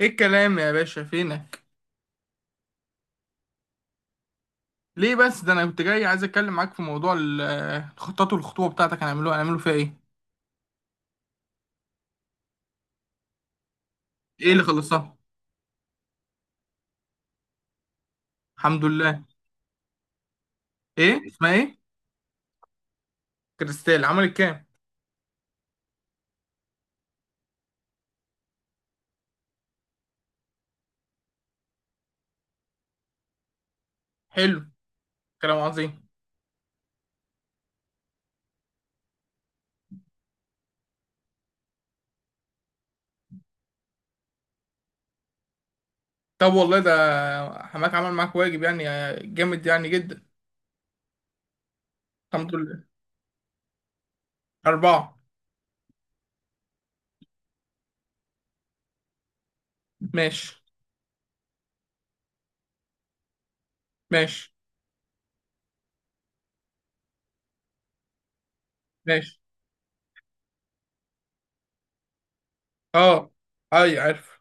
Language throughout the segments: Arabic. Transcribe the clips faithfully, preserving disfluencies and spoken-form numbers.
ايه الكلام يا باشا؟ فينك؟ ليه بس؟ ده انا كنت جاي عايز اتكلم معاك في موضوع ال- الخطط والخطوبه بتاعتك. هنعملوها هنعملوا فيها ايه؟ ايه اللي خلصتها؟ الحمد لله. ايه اسمها ايه؟ كريستال عملت كام؟ حلو. كلام عظيم. طب والله، ده حماك عمل معاك واجب يعني. جامد يعني جدا. الحمد لله. أربعة. ماشي، ماشي، ماشي. اه. اي عارف.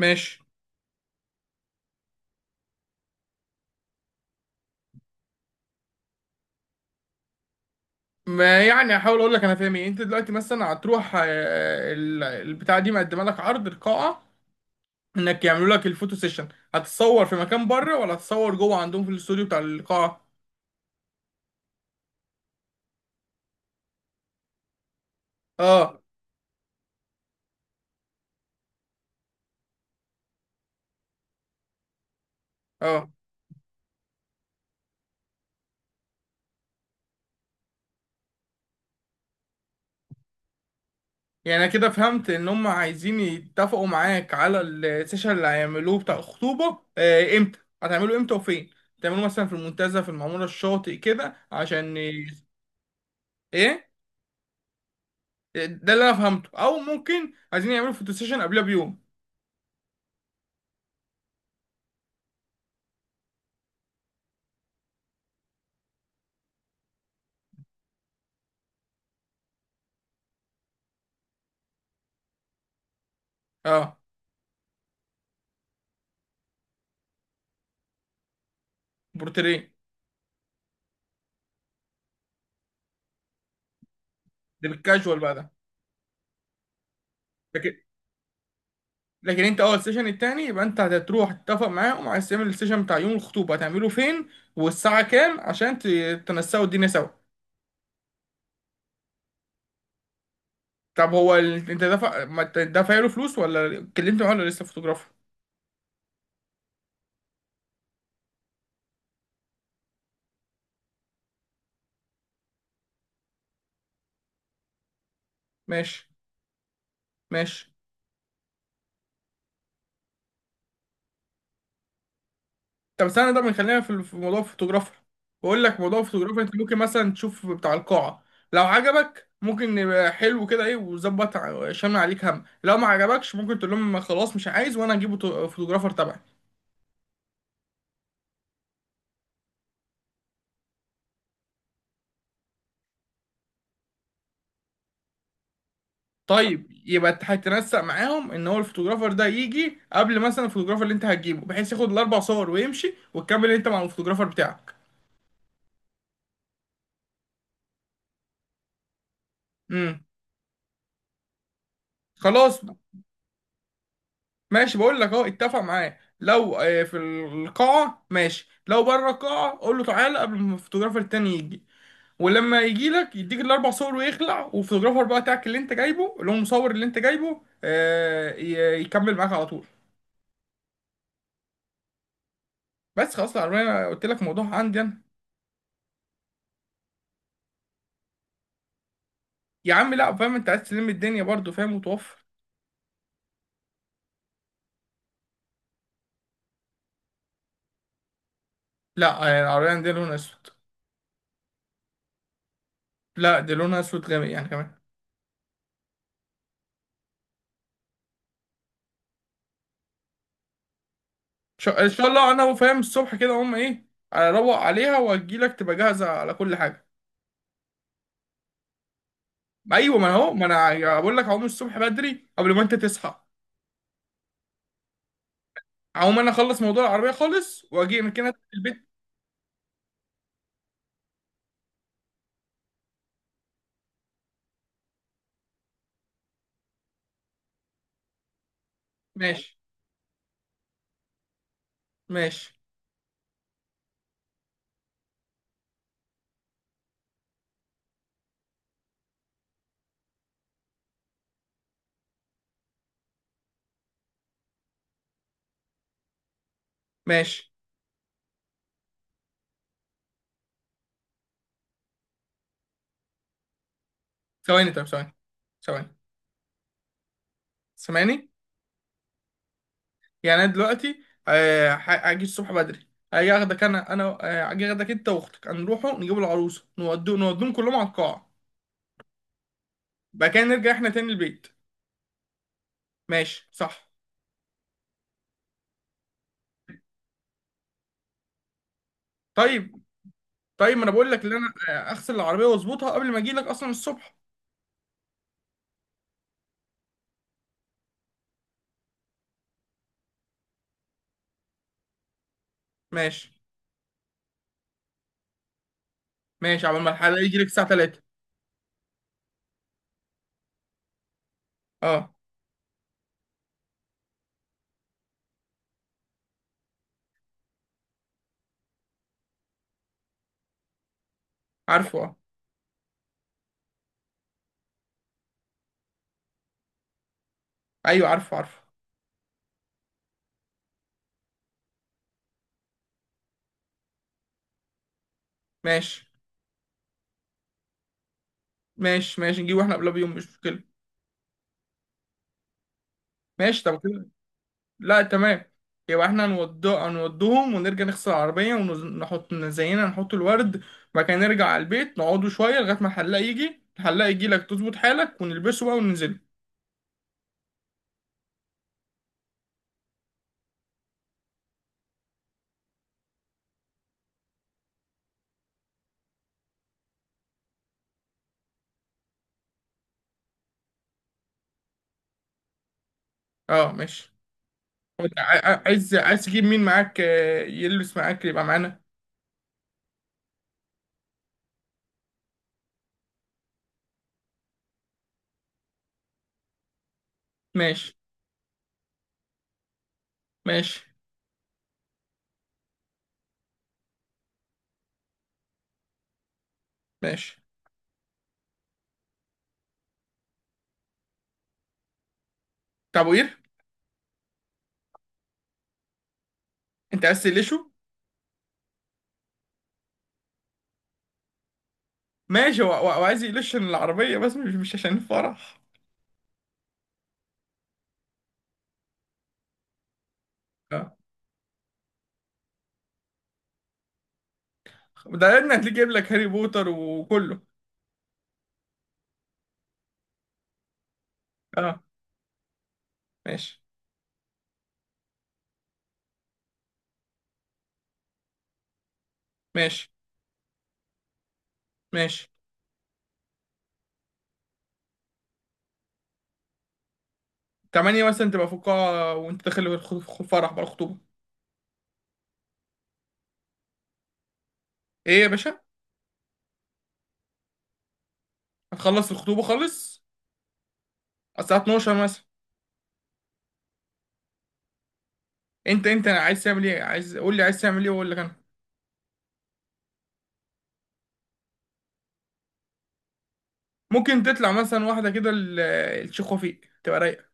ماشي. ما يعني هحاول اقول لك انا فاهم ايه. انت دلوقتي مثلا هتروح، آه، ال- البتاعه دي مقدمه لك عرض القاعه، انك يعملوا لك الفوتو سيشن. هتصور في مكان بره ولا هتصور جوه عندهم في الاستوديو بتاع القاعه؟ اه. اه. يعني انا كده فهمت ان هم عايزين يتفقوا معاك على السيشن اللي هيعملوه بتاع الخطوبه. آه امتى هتعملوه؟ امتى وفين تعملوه؟ مثلا في المنتزه، في المعموره، الشاطئ كده، عشان ي- ايه. ده اللي انا فهمته، او ممكن عايزين يعملوا فوتو سيشن قبلها بيوم. اه. بورتريه. ده بالكاجوال بقى ده. لكن انت اول سيشن، التاني يبقى انت هتروح تتفق معاهم، عايز تعمل السيشن بتاع يوم الخطوبه هتعمله فين والساعه كام؟ عشان ت- تنسقوا الدنيا سوا. طب هو ال... انت دفع ما انت دافع له فلوس، ولا اتكلمت معاه، ولا لسه فوتوغرافر؟ ماشي. ماشي. طب استنى. طب خلينا في ال- في موضوع الفوتوغرافر. بقول لك موضوع الفوتوغرافر، انت ممكن مثلا تشوف بتاع القاعه. لو عجبك ممكن يبقى حلو كده، ايه وظبط، ع- شامل عليك هم. لو ما عجبكش ممكن تقول لهم خلاص مش عايز، وانا هجيب فوتو- فوتوغرافر تبعي. طيب يبقى انت هتنسق معاهم ان هو الفوتوغرافر ده يجي قبل مثلا الفوتوغرافر اللي انت هتجيبه، بحيث ياخد الاربع صور ويمشي، وتكمل انت مع الفوتوغرافر بتاعك. امم. خلاص. ماشي، بقول لك اهو، اتفق معاه. لو آه، في القاعة ماشي، لو بره القاعة قول له تعالى قبل ما الفوتوغرافر التاني يجي. ولما يجي لك يديك الاربع صور ويخلع، والفوتوغرافر بقى بتاعك اللي انت جايبه، اللي هو المصور اللي انت جايبه، آه، ي- يكمل معاك على طول. بس خلاص، العربية قلت لك موضوع عندي انا. يا عم لا، فاهم انت عايز تلم الدنيا برضه، فاهم وتوفر. لا، يعني العربية عندنا لونها اسود. لا، دي لونها اسود جامد يعني كمان. شا- ان شاء الله، انا وفاهم الصبح كده هم ايه. اروق عليها واجيلك تبقى جاهزة على كل حاجة. ايوه، ما انا اهو، ما انا بقول لك هقوم الصبح بدري قبل ما انت تصحى. هقوم انا اخلص موضوع العربية خالص واجي من كده البيت. ماشي، ماشي، ماشي. ثواني، طب ثواني. ثواني. سامعني؟ يعني انا دلوقتي، آه، ح- هاجي الصبح بدري. هاجي اخدك، انا انا آه، هاجي اخدك انت واختك، هنروحوا نجيب العروسه، نودو نودوهم كلهم على القاعه. بعد كده نرجع احنا تاني البيت. ماشي صح؟ طيب. طيب. ما انا بقول لك ان انا آه، اغسل العربيه واظبطها قبل ما اجي لك اصلا الصبح. ماشي. ماشي عبال ما الحلاق يجي لك الساعه تلاتة. اه عارفه. اه. ايوه، عارفه، عارفه. ماشي، ماشي، ماشي. نجيبه احنا قبلها بيوم، مش مشكله. ماشي. طب كده. لا، تمام. يبقى احنا هنودو هنودوهم، ونرجع نغسل العربية، ونحط زينا، نحط الورد. بعد كده نرجع على البيت، نقعدوا شوية لغاية ما الحلاق يجي. الحلاق يجي لك، تظبط حالك ونلبسه بقى وننزل. اه، ماشي. وانت ع- ع- عايز عايز تجيب مين معاك، آه، يلبس معاك يبقى معانا. ماشي، ماشي، ماشي. طب وقير. انت عايز تقلشه؟ ماشي. هو هو- هو عايز يقلش عشان العربية بس، مش مش عشان الفرح. اه. ده ابني، هتلاقيه جايب لك هاري بوتر وكله. اه، ماشي. ماشي، ماشي. تمانية مثلا تبقى في القاعة، وانت داخل الخ- في الفرح بقى، الخطوبة. ايه يا باشا؟ هتخلص الخطوبة خالص على الساعة اتناشر مثلا. انت انت عايز تعمل ايه؟ عايز قول لي عايز تعمل ايه، واقول لك انا. ممكن تطلع مثلا واحدة كده، ال- الشيخ وفيق تبقى رايقة.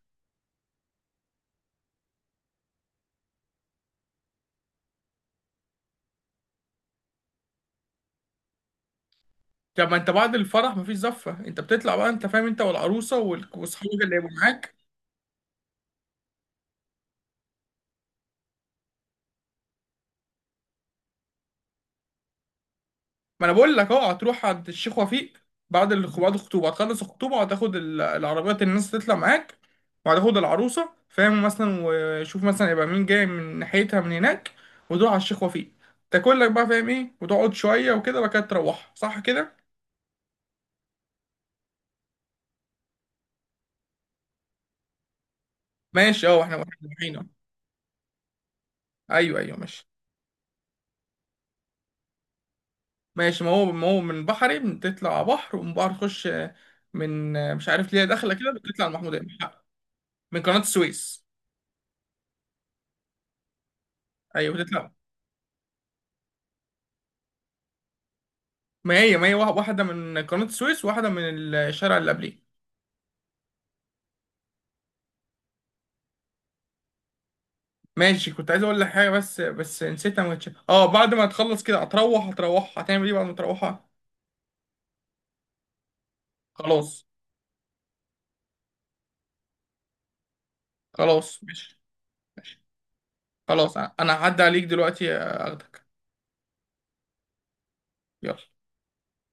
طب ما انت بعد الفرح مفيش زفة، انت بتطلع بقى، انت فاهم، انت والعروسة وال- واصحابك اللي هيبقوا معاك. ما انا بقول لك، اه، هتروح عند الشيخ وفيق. بعد الخ- بعد الخطوبه هتخلص الخطوبه، وهتاخد ال- العربيات اللي الناس تطلع معاك، وهتاخد العروسه، فاهم؟ مثلا، وشوف مثلا يبقى مين جاي من ناحيتها من هناك، وتروح على الشيخ وفيق، تاكل لك بقى فاهم ايه، وتقعد شويه وكده، بعد كده تروح. صح كده؟ ماشي، اه، احنا واحنا رايحين أهو. ايوه، ايوه ماشي. ماشي. ما هو ما هو من بحري بتطلع بحر، ومن بحر تخش. من مش عارف ليه داخله كده، بتطلع على محمود. من قناه السويس. ايوه بتطلع. ما هي ما هي واحد- واحدة من قناة السويس، واحدة من الشارع اللي قبليه. ماشي. كنت عايز اقول لك حاجة بس بس نسيتها. ما كنتش. اه، بعد ما تخلص كده هتروح هتروح هتعمل ايه بعد ما تروحها؟ خلاص. خلاص، ماشي. ماشي. خلاص، انا أنا هعدي عليك دلوقتي، آه، اخدك. يلا.